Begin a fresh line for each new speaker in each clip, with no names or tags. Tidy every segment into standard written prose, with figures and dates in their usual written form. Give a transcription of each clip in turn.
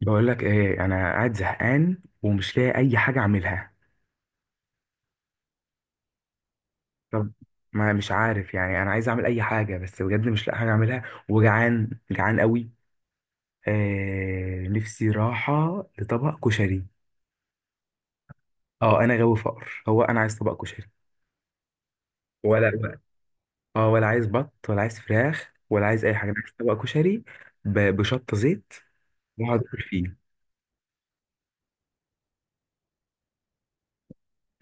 بقول لك ايه؟ انا قاعد زهقان ومش لاقي اي حاجه اعملها. طب، ما مش عارف. يعني انا عايز اعمل اي حاجه بس بجد مش لاقي حاجه اعملها. وجعان جعان قوي. آه، نفسي راحه لطبق كشري. اه، انا غاوي فقر، هو انا عايز طبق كشري؟ ولا. اه، ولا عايز بط ولا عايز فراخ ولا عايز اي حاجه، انا عايز طبق كشري بشطه زيت واقعد اكل فيه.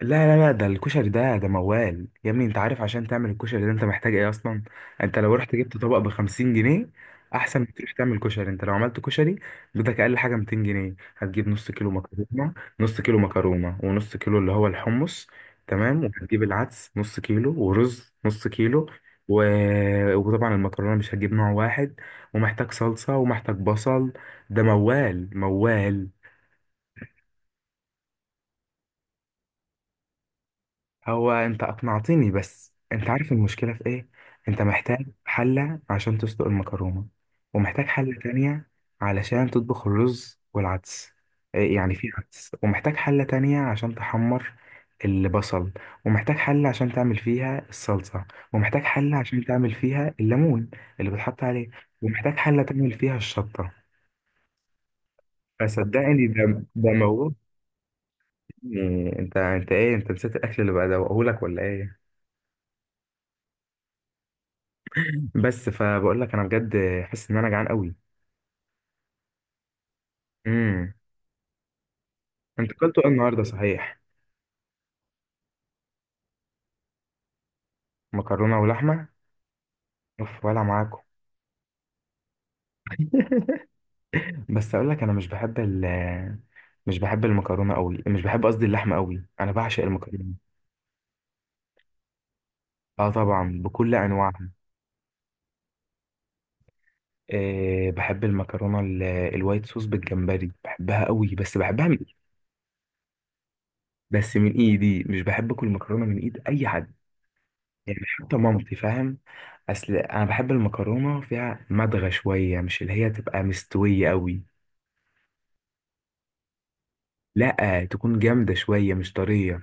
لا، لا، لا، ده الكشري ده موال يا ابني. انت عارف عشان تعمل الكشري ده انت محتاج ايه اصلا؟ انت لو رحت جبت طبق ب 50 جنيه احسن ما تروح تعمل كشري. انت لو عملت كشري بدك اقل حاجه 200 جنيه. هتجيب نص كيلو مكرونه، نص كيلو مكرونه ونص كيلو اللي هو الحمص. تمام، وهتجيب العدس نص كيلو ورز نص كيلو و... وطبعا المكرونه مش هتجيب نوع واحد، ومحتاج صلصه ومحتاج بصل. ده موال موال. هو انت اقنعتني، بس انت عارف المشكلة في ايه؟ انت محتاج حلة عشان تسلق المكرونة، ومحتاج حلة تانية علشان تطبخ الرز والعدس. إيه يعني في عدس، ومحتاج حلة تانية عشان تحمر البصل، ومحتاج حلة عشان تعمل فيها الصلصة، ومحتاج حلة عشان تعمل فيها الليمون اللي بتحط عليه، ومحتاج حلة تعمل فيها الشطة. فصدقني، ده موضوع. انت ايه؟ انت نسيت الاكل اللي بدوقهولك ولا ايه؟ بس فبقول لك انا بجد حاسس ان انا جعان قوي. امم انت اكلتوا ايه النهارده صحيح؟ مكرونه ولحمه. اوف، ولا معاكم. بس اقول لك انا مش بحب ال، مش بحب المكرونه قوي، مش بحب قصدي اللحمه قوي، انا بعشق المكرونه. اه، طبعا بكل انواعها. أه، بحب المكرونه الوايت صوص بالجمبري، بحبها قوي بس بحبها من. بس من ايدي مش بحب اكل مكرونه من ايد اي حد. يعني حتى مامتي، فاهم؟ اصل انا بحب المكرونه فيها مدغه شويه، مش اللي هي تبقى مستويه قوي. لا، تكون جامده شويه مش طريه.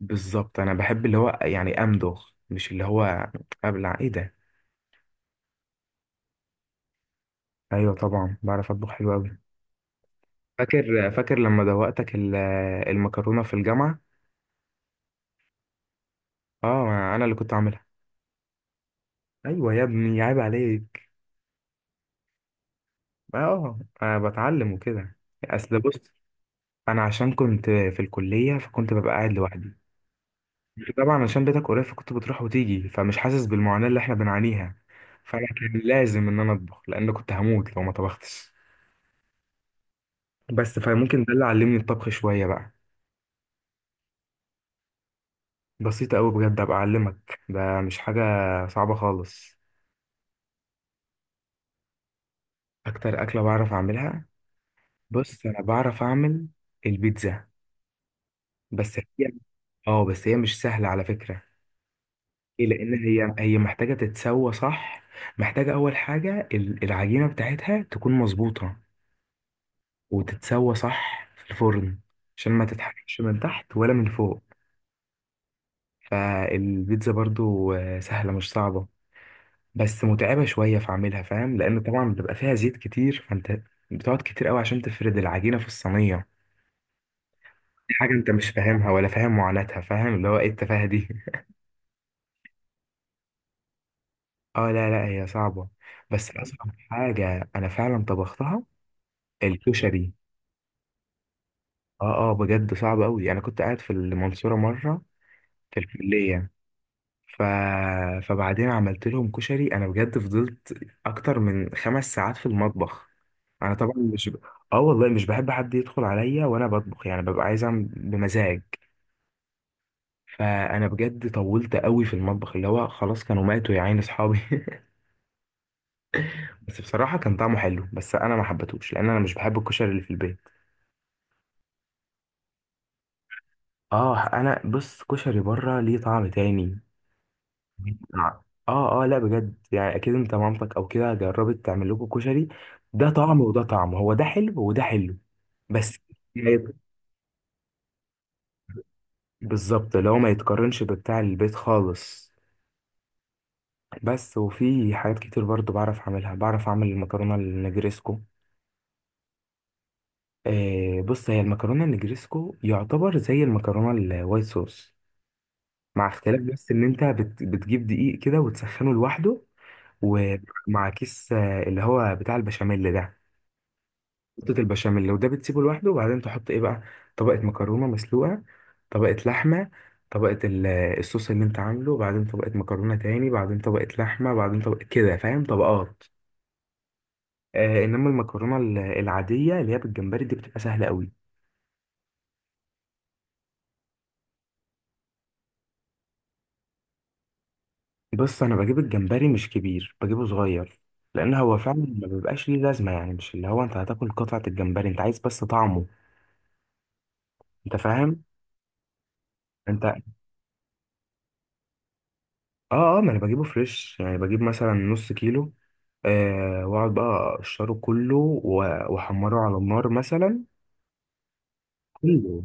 بالظبط، انا بحب اللي هو يعني امضغ، مش اللي هو ابلع. ايه ده؟ ايوه طبعا بعرف اطبخ حلو قوي. فاكر لما دوقتك المكرونه في الجامعه. اه، انا اللي كنت عاملها. ايوه يا ابني عيب عليك. اه، أنا بتعلم وكده. اصل بص، انا عشان كنت في الكليه فكنت ببقى قاعد لوحدي. طبعا عشان بيتك قريب فكنت بتروح وتيجي، فمش حاسس بالمعاناة اللي احنا بنعانيها. فانا كان لازم ان انا اطبخ لان كنت هموت لو ما طبختش. بس فممكن ده اللي علمني الطبخ شوية بقى. بسيطة قوي بجد، ابقى اعلمك، ده مش حاجة صعبة خالص. اكتر اكلة بعرف اعملها، بص انا بعرف اعمل البيتزا. بس هي، اه بس هي مش سهلة على فكرة. ايه، لان هي محتاجة تتسوى صح. محتاجة اول حاجة العجينة بتاعتها تكون مظبوطة وتتسوى صح في الفرن عشان ما تتحرقش من تحت ولا من فوق. فالبيتزا برضو سهلة مش صعبة، بس متعبة شوية في عملها، فاهم؟ لأن طبعا بيبقى فيها زيت كتير، فأنت بتقعد كتير قوي عشان تفرد العجينة في الصينية. دي حاجة أنت مش فاهمها ولا فاهم معاناتها، فاهم اللي هو إيه التفاهة دي. اه لا لا، هي صعبة. بس أصعب حاجة أنا فعلا طبختها الكشري. اه اه، بجد صعب قوي. أنا كنت قاعد في المنصورة مرة في الكلية ف... فبعدين عملت لهم كشري انا، بجد فضلت اكتر من 5 ساعات في المطبخ. انا طبعا مش اه والله مش بحب حد يدخل عليا وانا بطبخ، يعني ببقى عايز اعمل بمزاج. فانا بجد طولت قوي في المطبخ، اللي هو خلاص كانوا ماتوا يا عين اصحابي. بس بصراحة كان طعمه حلو، بس انا ما حبيتهوش لان انا مش بحب الكشري اللي في البيت. اه انا بص، كشري بره ليه طعم تاني. اه اه لا بجد، يعني اكيد انت مامتك او كده جربت تعمل لكم كشري، ده طعم وده طعم، هو ده حلو وده حلو. بس ما يت- بالظبط اللي هو ما يتقارنش ببتاع البيت خالص. بس وفي حاجات كتير برضو بعرف اعملها، بعرف اعمل المكرونه النجريسكو. آه بص، هي المكرونه النجريسكو يعتبر زي المكرونه الوايت صوص مع اختلاف، بس ان انت بتجيب دقيق كده وتسخنه لوحده، ومع كيس اللي هو بتاع البشاميل ده. خلطة البشاميل، لو ده بتسيبه لوحده وبعدين تحط ايه بقى، طبقة مكرونة مسلوقة، طبقة لحمة، طبقة الصوص اللي انت عامله، وبعدين طبقة مكرونة تاني، بعدين طبقة لحمة، بعدين طبقة كده، فاهم؟ طبقات. آه، انما المكرونة العادية اللي هي بالجمبري دي بتبقى سهلة قوي. بص انا بجيب الجمبري مش كبير، بجيبه صغير، لان هو فعلا ما بيبقاش ليه لازمة، يعني مش اللي هو انت هتاكل قطعة الجمبري، انت عايز بس طعمه. انت فاهم؟ انت اه اه، ما انا بجيبه فريش، يعني بجيب مثلا نص كيلو، آه، واقعد بقى اقشره كله واحمره على النار مثلا. كله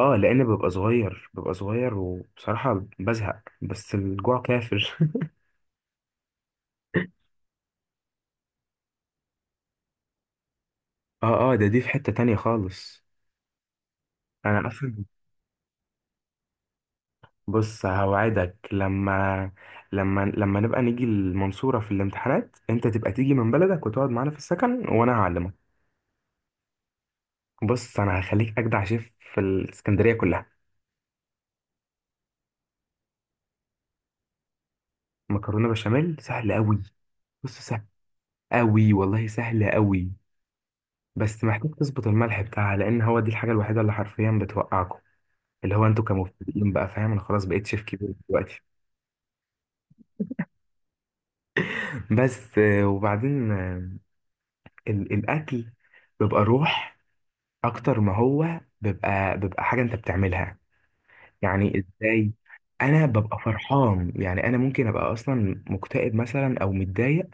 اه، لان ببقى صغير ببقى صغير وبصراحة بزهق، بس الجوع كافر. اه اه، ده دي في حتة تانية خالص. انا اصلا بص، هوعدك لما نبقى نيجي المنصورة في الامتحانات، انت تبقى تيجي من بلدك وتقعد معانا في السكن، وانا هعلمك. بص انا هخليك اجدع شيف في الاسكندرية كلها. مكرونه بشاميل سهل قوي، بص سهل قوي والله، سهل قوي. بس محتاج تظبط الملح بتاعها، لان هو دي الحاجه الوحيده اللي حرفيا بتوقعكم، اللي هو انتوا كمبتدئين بقى، فاهم؟ انا خلاص بقيت شيف كبير دلوقتي. بس وبعدين الاكل بيبقى روح اكتر ما هو بيبقى حاجه انت بتعملها. يعني ازاي؟ انا ببقى فرحان، يعني انا ممكن ابقى اصلا مكتئب مثلا او متضايق،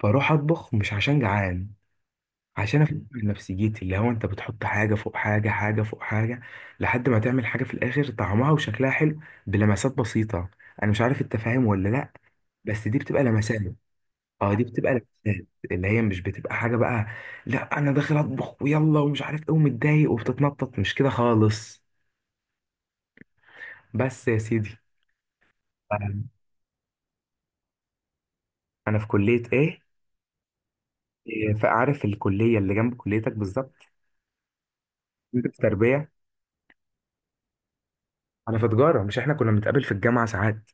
فاروح اطبخ مش عشان جعان، عشان افكر نفسيتي، اللي هو انت بتحط حاجه فوق حاجه، حاجه فوق حاجه لحد ما تعمل حاجه في الاخر طعمها وشكلها حلو، بلمسات بسيطه. انا مش عارف انت فاهم ولا لا، بس دي بتبقى لمسات. اه، دي بتبقى لمسات، اللي هي مش بتبقى حاجه بقى. لا، انا داخل اطبخ ويلا ومش عارف ايه ومتضايق وبتتنطط، مش كده خالص. بس يا سيدي. انا، أنا في كليه ايه؟ فعارف الكليه اللي جنب كليتك بالظبط. انت في تربيه، انا في تجاره. مش احنا كنا بنتقابل في الجامعه ساعات؟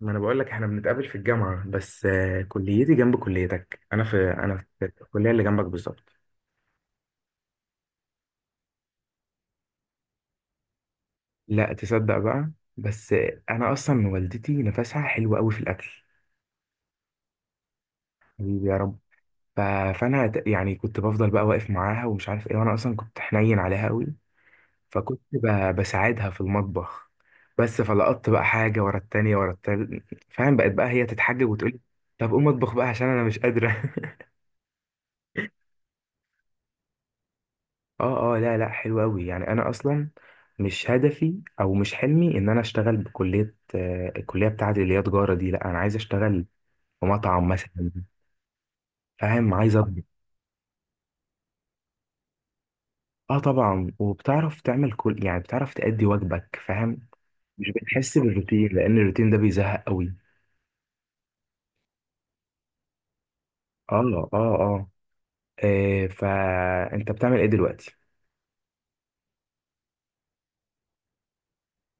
ما انا بقول لك، احنا بنتقابل في الجامعه، بس كليتي جنب كليتك. انا في، الكليه اللي جنبك بالظبط. لا، تصدق بقى، بس انا اصلا والدتي نفسها حلو قوي في الاكل. حبيبي يا رب. ف- فانا يعني كنت بفضل بقى واقف معاها ومش عارف ايه، وانا اصلا كنت حنين عليها قوي، فكنت بساعدها في المطبخ. بس فلقطت بقى حاجه ورا التانيه ورا التالت، فاهم؟ بقت بقى هي تتحجج وتقول طب قوم اطبخ بقى عشان انا مش قادره. اه اه لا لا، حلو قوي يعني. انا اصلا مش هدفي او مش حلمي ان انا اشتغل بكليه، الكليه بتاعتي اللي هي تجاره دي. لا، انا عايز اشتغل في مطعم مثلا، فاهم؟ عايز اطبخ. اه طبعا، وبتعرف تعمل كل، يعني بتعرف تأدي واجبك، فاهم؟ مش بتحس بالروتين، لان الروتين ده بيزهق قوي. اه اه اه، فانت بتعمل ايه دلوقتي؟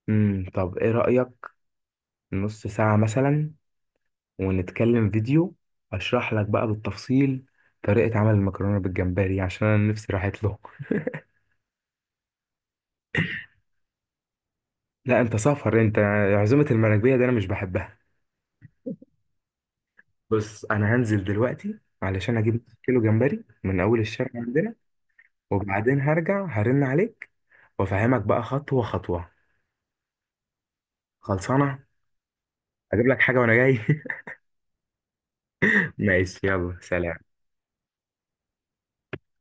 طب ايه رأيك، نص ساعه مثلا ونتكلم فيديو، اشرح لك بقى بالتفصيل طريقة عمل المكرونة بالجمبري عشان انا نفسي راحت له. لا انت سافر انت، عزومة المراكبية دي انا مش بحبها. بص انا هنزل دلوقتي علشان اجيب كيلو جمبري من اول الشارع عندنا وبعدين هرجع هرن عليك وافهمك بقى خطوة خطوة. خلصانة. اجيب لك حاجة وانا جاي. ماشي، يلا سلام.